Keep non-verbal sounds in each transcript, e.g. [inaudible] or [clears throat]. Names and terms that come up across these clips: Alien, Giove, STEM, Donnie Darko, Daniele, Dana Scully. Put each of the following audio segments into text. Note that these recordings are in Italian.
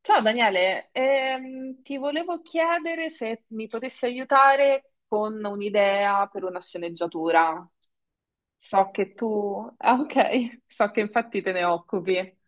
Ciao Daniele, ti volevo chiedere se mi potessi aiutare con un'idea per una sceneggiatura. So che tu... [laughs] Ah, ok, so che infatti te ne occupi.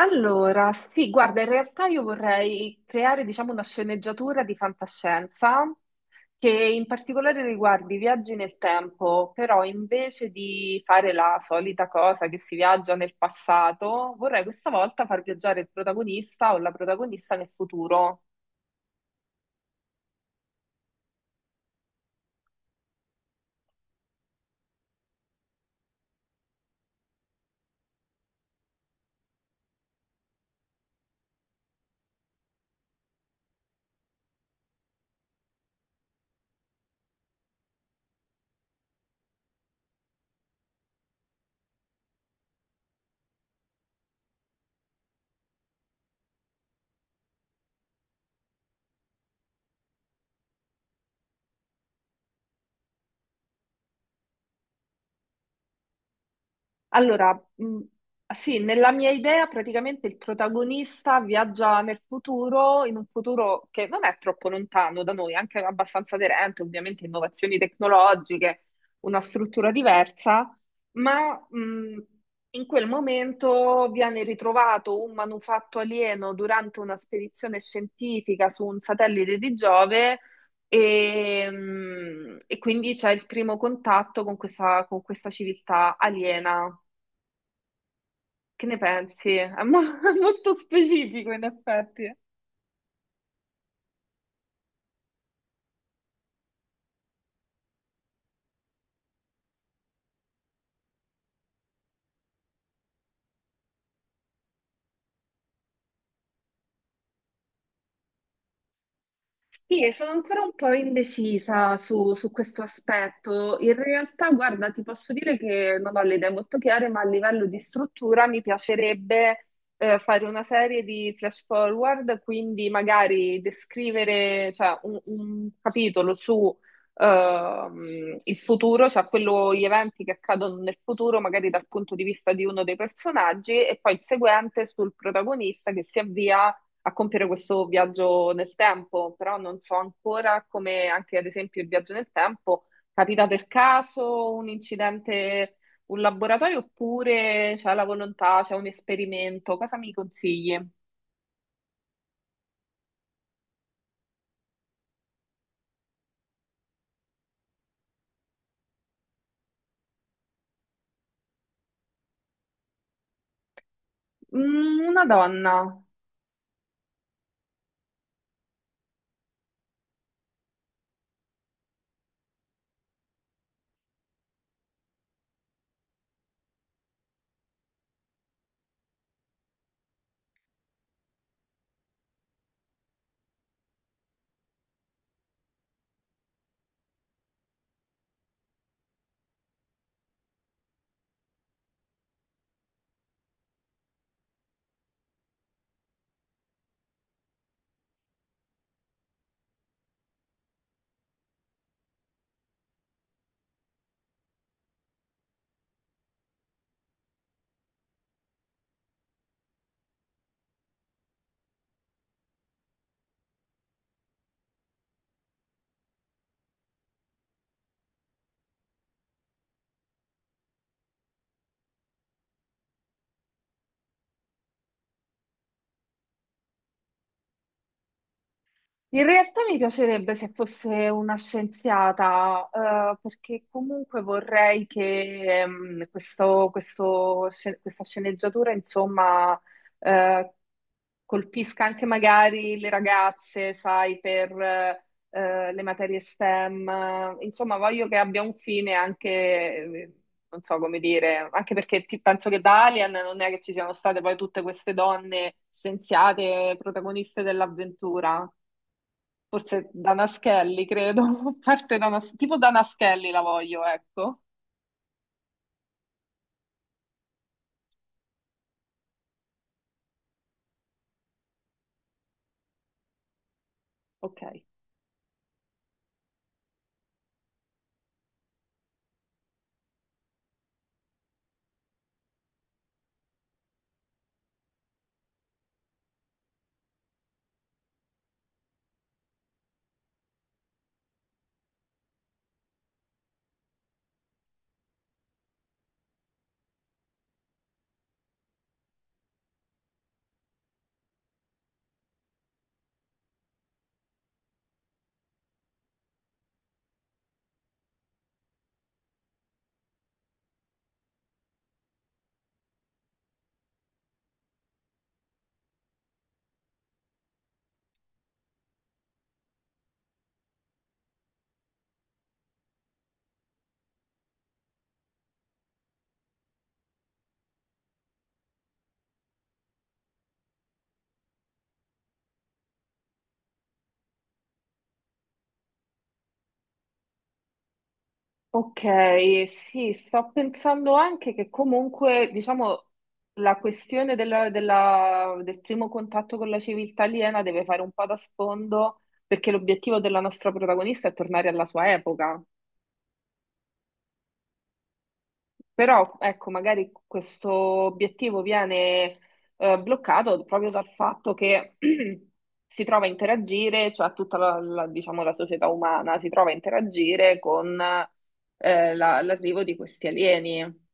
Allora, sì, guarda, in realtà io vorrei creare, diciamo, una sceneggiatura di fantascienza che in particolare riguardi i viaggi nel tempo, però invece di fare la solita cosa che si viaggia nel passato, vorrei questa volta far viaggiare il protagonista o la protagonista nel futuro. Allora, sì, nella mia idea praticamente il protagonista viaggia nel futuro, in un futuro che non è troppo lontano da noi, anche abbastanza aderente, ovviamente innovazioni tecnologiche, una struttura diversa, ma in quel momento viene ritrovato un manufatto alieno durante una spedizione scientifica su un satellite di Giove. E, e quindi c'è il primo contatto con con questa civiltà aliena, che ne pensi? È [laughs] molto specifico in effetti. Sì, e sono ancora un po' indecisa su questo aspetto. In realtà, guarda, ti posso dire che non ho le idee molto chiare, ma a livello di struttura mi piacerebbe fare una serie di flash forward, quindi magari descrivere, cioè, un capitolo su il futuro, cioè quello, gli eventi che accadono nel futuro, magari dal punto di vista di uno dei personaggi, e poi il seguente sul protagonista che si avvia a compiere questo viaggio nel tempo, però non so ancora come anche ad esempio il viaggio nel tempo capita per caso un incidente, un laboratorio oppure c'è la volontà, c'è un esperimento, cosa mi consigli? Mm, una donna. In realtà mi piacerebbe se fosse una scienziata, perché comunque vorrei che questa sceneggiatura, insomma, eh, colpisca anche magari le ragazze, sai, per le materie STEM. Insomma, voglio che abbia un fine anche, non so come dire, anche perché penso che da Alien non è che ci siano state poi tutte queste donne scienziate, protagoniste dell'avventura. Forse Dana Scully, credo, [laughs] parte Dana, tipo Dana Scully la voglio, ecco. Ok. Ok, sì, sto pensando anche che comunque, diciamo, la questione del primo contatto con la civiltà aliena deve fare un po' da sfondo, perché l'obiettivo della nostra protagonista è tornare alla sua epoca. Però, ecco, magari questo obiettivo bloccato proprio dal fatto che [clears throat] si trova a interagire, cioè tutta diciamo, la società umana si trova a interagire con l'arrivo di questi alieni.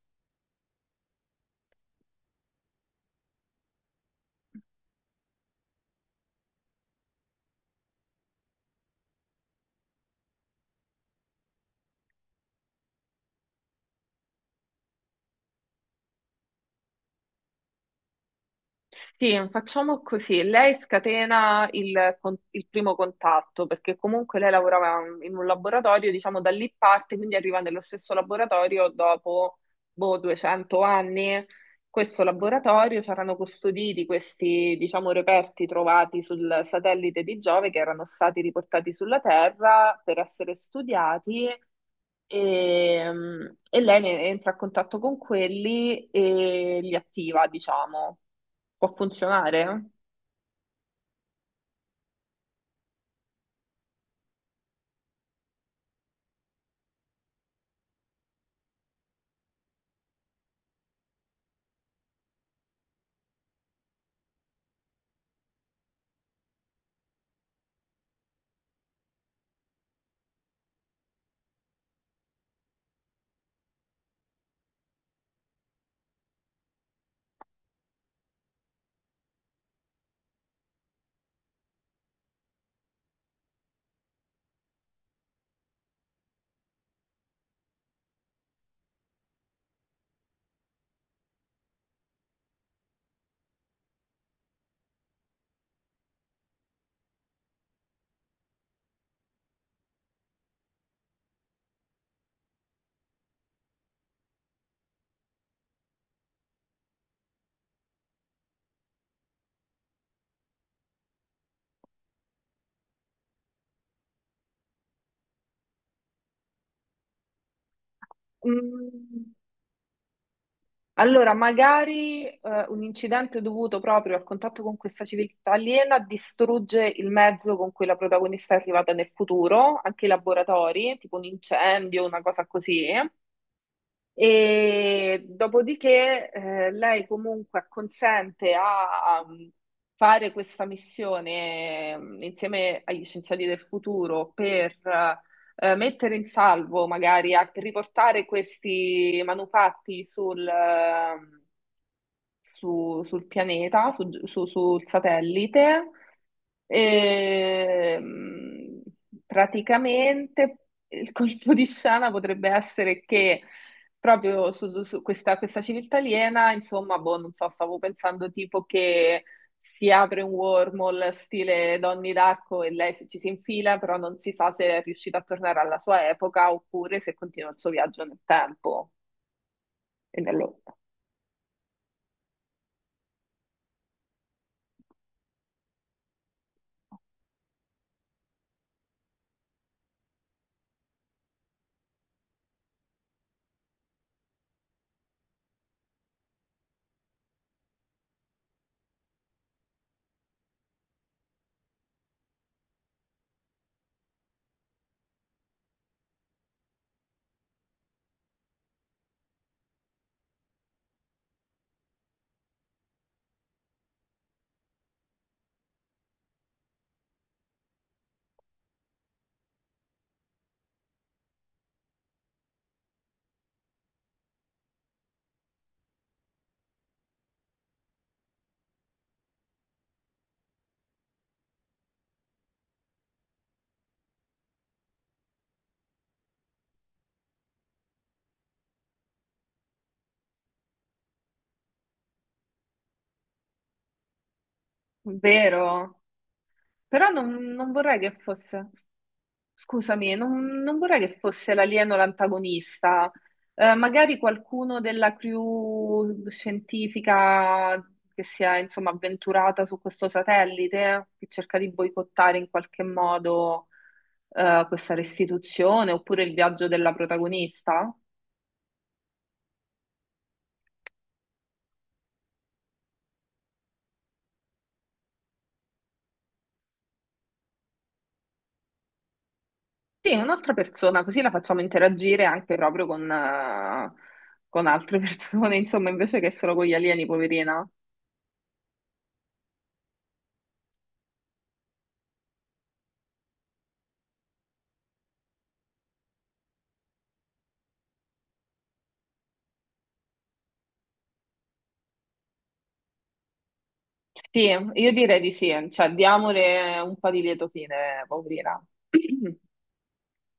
Sì, facciamo così. Lei scatena il primo contatto perché comunque lei lavorava in un laboratorio, diciamo da lì parte, quindi arriva nello stesso laboratorio dopo boh, 200 anni. Questo laboratorio c'erano custoditi questi, diciamo, reperti trovati sul satellite di Giove che erano stati riportati sulla Terra per essere studiati e, e lei entra a contatto con quelli e li attiva, diciamo. Può funzionare? Mm, Allora, magari un incidente dovuto proprio al contatto con questa civiltà aliena distrugge il mezzo con cui la protagonista è arrivata nel futuro, anche i laboratori, tipo un incendio, una cosa così. E dopodiché lei comunque acconsente a fare questa missione insieme agli scienziati del futuro per mettere in salvo, magari a per riportare questi manufatti sul sul pianeta, sul satellite. Ehm, praticamente il colpo di scena potrebbe essere che proprio su questa civiltà aliena, insomma, boh, non so, stavo pensando tipo che si apre un wormhole stile Donnie Darko e lei ci si infila, però non si sa se è riuscita a tornare alla sua epoca oppure se continua il suo viaggio nel tempo e nell'ora. Vero? Però non vorrei che fosse. Scusami, non vorrei che fosse l'alieno l'antagonista. Magari qualcuno della crew scientifica che si è, insomma, avventurata su questo satellite, che cerca di boicottare in qualche modo, questa restituzione, oppure il viaggio della protagonista. Sì, un'altra persona, così la facciamo interagire anche proprio con altre persone, [laughs] insomma, invece che solo con gli alieni, poverina. Sì, io direi di sì, cioè diamole un po' di lieto fine, poverina.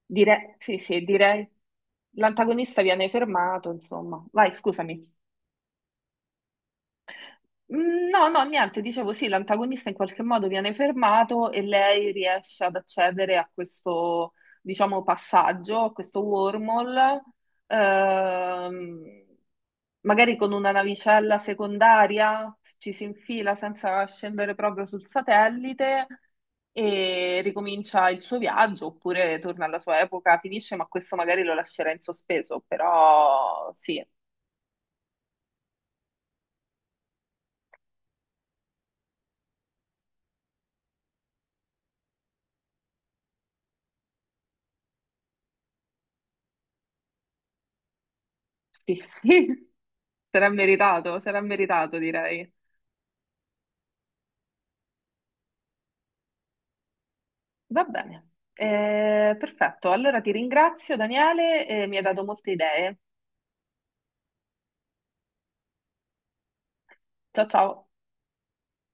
Direi, sì, sì, direi. L'antagonista viene fermato, insomma. Vai, scusami. Mm, no, no, niente, dicevo sì, l'antagonista in qualche modo viene fermato e lei riesce ad accedere a questo, diciamo, passaggio, a questo wormhole, ehm, magari con una navicella secondaria, ci si infila senza scendere proprio sul satellite e ricomincia il suo viaggio, oppure torna alla sua epoca, finisce, ma questo magari lo lascerà in sospeso, però sì, sì, sì. Sarà meritato, direi. Va bene, eh, perfetto. Allora ti ringrazio, Daniele, mi hai dato molte idee. Ciao ciao.